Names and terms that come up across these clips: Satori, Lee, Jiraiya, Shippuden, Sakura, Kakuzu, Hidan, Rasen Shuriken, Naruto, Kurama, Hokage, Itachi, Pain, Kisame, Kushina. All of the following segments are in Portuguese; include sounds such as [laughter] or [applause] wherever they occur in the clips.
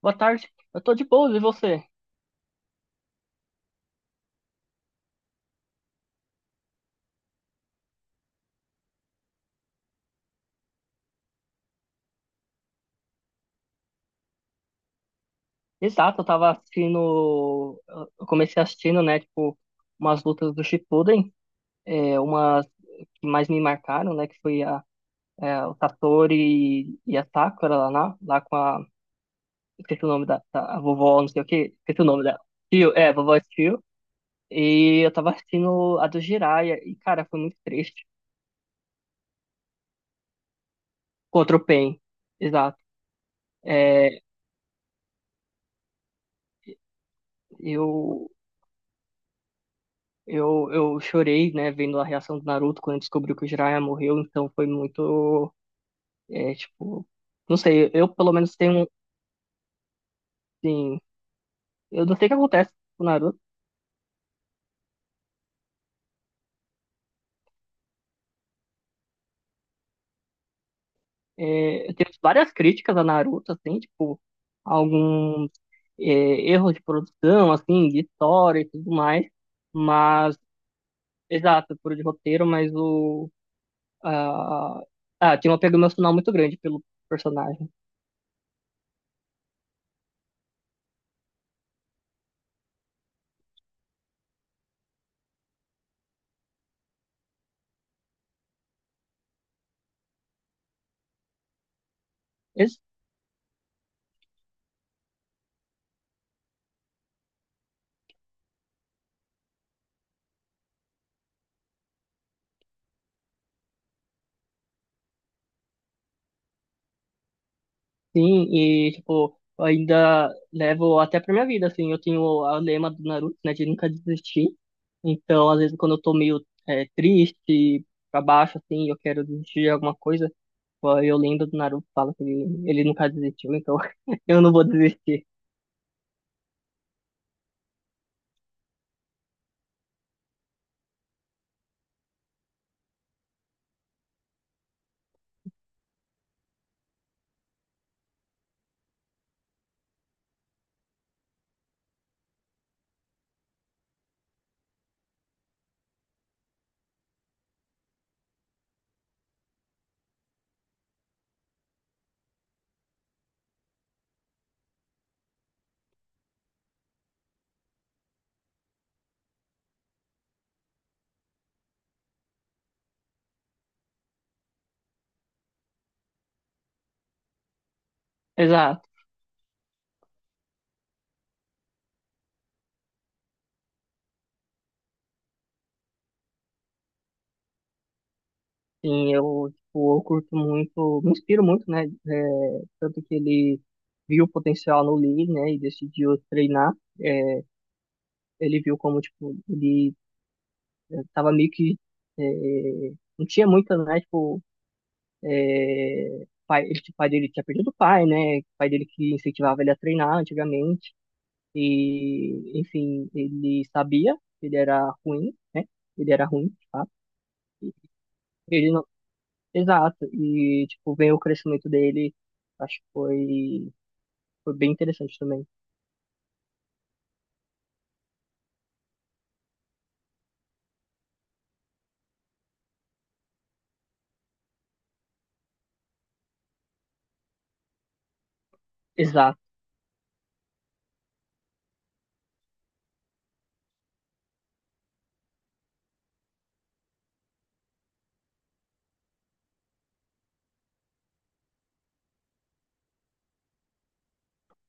Boa tarde, eu tô de boas, e você? Exato, eu tava assistindo, eu comecei assistindo, né, tipo, umas lutas do Shippuden, umas que mais me marcaram, né, que foi a, o Satori e a Sakura lá, lá com a, esqueci o nome da, a vovó, não sei o que, esqueci o nome dela, tio é, vovó tio e eu tava assistindo a do Jiraiya, e cara, foi muito triste, contra o Pain, exato, é, eu eu chorei, né, vendo a reação do Naruto quando descobriu que o Jiraiya morreu, então foi muito, é, tipo, não sei, eu pelo menos tenho, um, assim, eu não sei o que acontece com o Naruto. É, eu tenho várias críticas a Naruto, assim, tipo, alguns é, erros de produção, assim, de história e tudo mais, mas, exato, por de roteiro, mas o, ah, ah, tinha um apego emocional muito grande pelo personagem. Sim, e tipo, eu ainda levo até pra minha vida, assim, eu tenho o lema do Naruto, né, de nunca desistir. Então, às vezes, quando eu tô meio é, triste, pra baixo, assim, eu quero desistir de alguma coisa, ó, eu lembro do Naruto, fala que ele nunca desistiu, então [laughs] eu não vou desistir. Exato, sim, eu, tipo, eu curto muito, me inspiro muito, né, é, tanto que ele viu o potencial no Lee, né, e decidiu treinar, é, ele viu como, tipo, ele Eu tava meio que. É, não tinha muita, né? Tipo, é, pai, ele, tipo, o pai dele tinha perdido o pai, né? O pai dele que incentivava ele a treinar antigamente. E, enfim, ele sabia que ele era ruim, né? Ele era ruim, tá? E Ele não... Exato. E, tipo, vem o crescimento dele. Acho que foi, foi bem interessante também. Exato,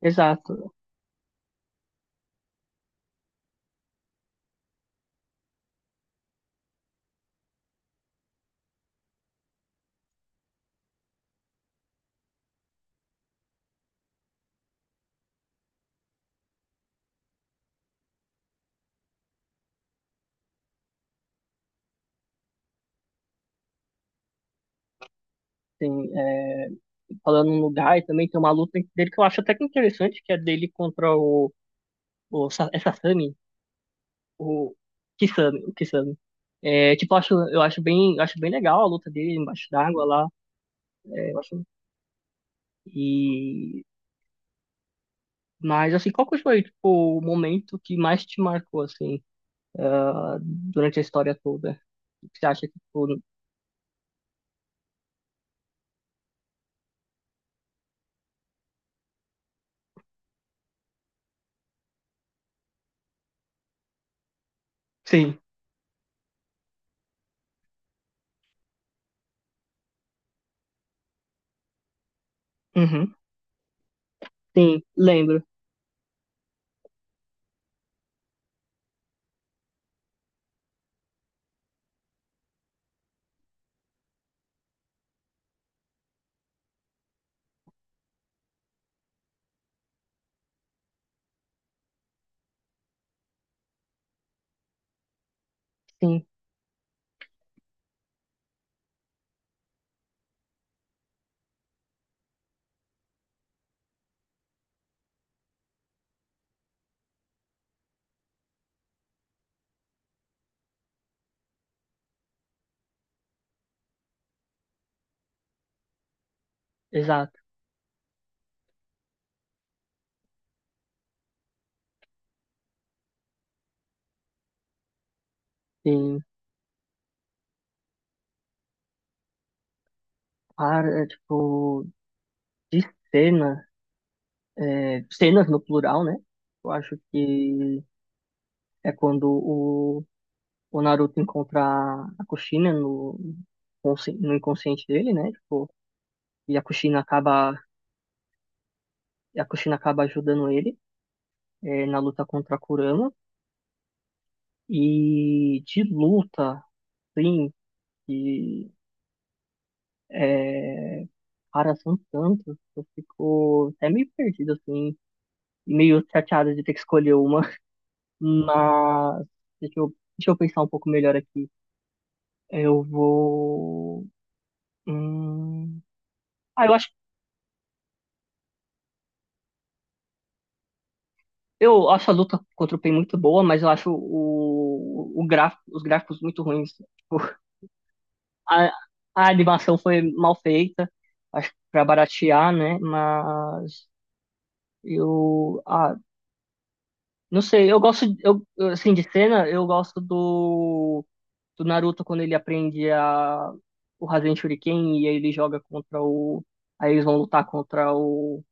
exato. Assim, é, falando no lugar, e também tem uma luta dele que eu acho até que interessante, que é dele contra o, Sa- é Sasami, o Kisame, o Kisame. É, tipo, eu acho bem legal a luta dele embaixo d'água lá. É, eu acho, e, mas assim, qual que foi, tipo, o momento que mais te marcou, assim, ah, durante a história toda? O que você acha que, tipo, sim, uhum, sim, lembro, sim, exato, sim. Para, tipo, de cena, é, cenas no plural, né? Eu acho que é quando o Naruto encontra a Kushina no, consci- no inconsciente dele, né? Tipo, e a Kushina acaba, e a Kushina acaba ajudando ele é, na luta contra a Kurama. E de luta, sim, que é, cara, são tantos, eu fico até meio perdido, assim, e meio chateado de ter que escolher uma. Mas deixa eu, deixa eu pensar um pouco melhor aqui. Eu vou. Hum... Ah, eu acho Eu acho a luta contra o Pain muito boa, mas eu acho o gráfico, os gráficos muito ruins. Tipo, A, a animação foi mal feita, acho que pra baratear, né? Mas eu, ah, não sei, eu gosto, eu, assim, de cena, eu gosto do, do Naruto quando ele aprende a, o Rasen Shuriken e aí ele joga contra o, aí eles vão lutar contra o,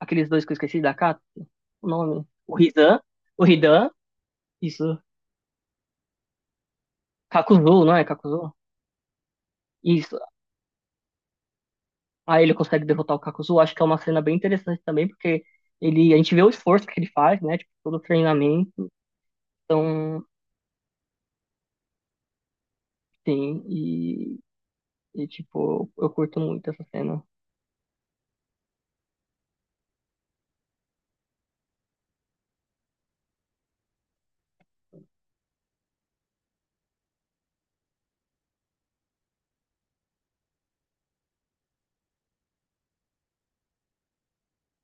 aqueles dois que eu esqueci da Katsu, o nome, o Hidan, isso. Kakuzu, não é? Kakuzu? Isso. Aí ele consegue derrotar o Kakuzu. Acho que é uma cena bem interessante também, porque ele, a gente vê o esforço que ele faz, né? Tipo, todo o treinamento. Então, sim. E, tipo, eu curto muito essa cena.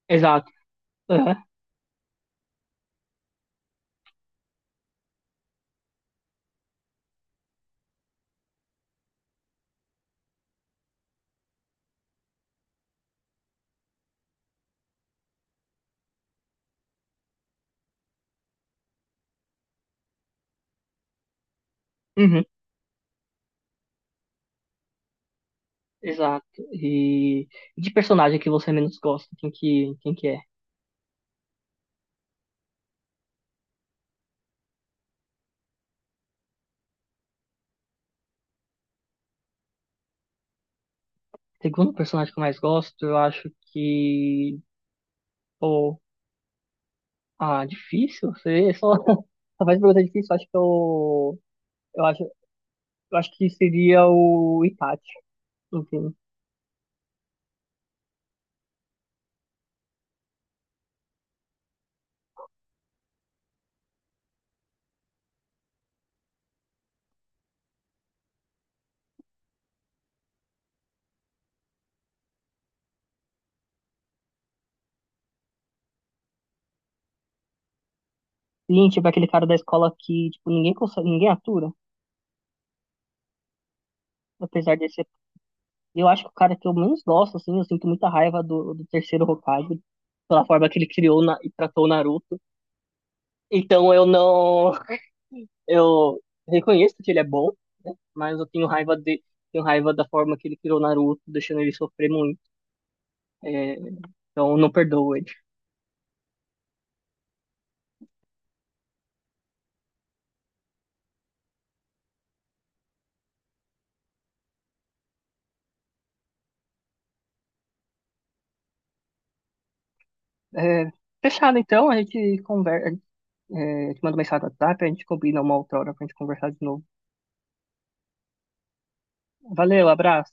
Exato. Aham. Uhum. Exato. E de personagem que você menos gosta, quem que é? Segundo personagem que eu mais gosto, eu acho que. Pô, ah, difícil? Você só, [laughs] só faz pergunta difícil. Eu acho que eu. Eu acho. Eu acho que seria o Itachi, enfim. Lin, tipo, é aquele cara da escola que, tipo, ninguém consegue, ninguém atura. Apesar de ser. Eu acho que o cara que eu menos gosto, assim, eu sinto muita raiva do, do terceiro Hokage, pela forma que ele criou na- e tratou o Naruto. Então eu não. Eu reconheço que ele é bom, né? Mas eu tenho raiva de. Tenho raiva da forma que ele criou o Naruto, deixando ele sofrer muito. É, então eu não perdoo ele. É, fechado, então, a gente conversa, é, te manda mensagem no WhatsApp, a gente combina uma outra hora pra gente conversar de novo. Valeu, abraço.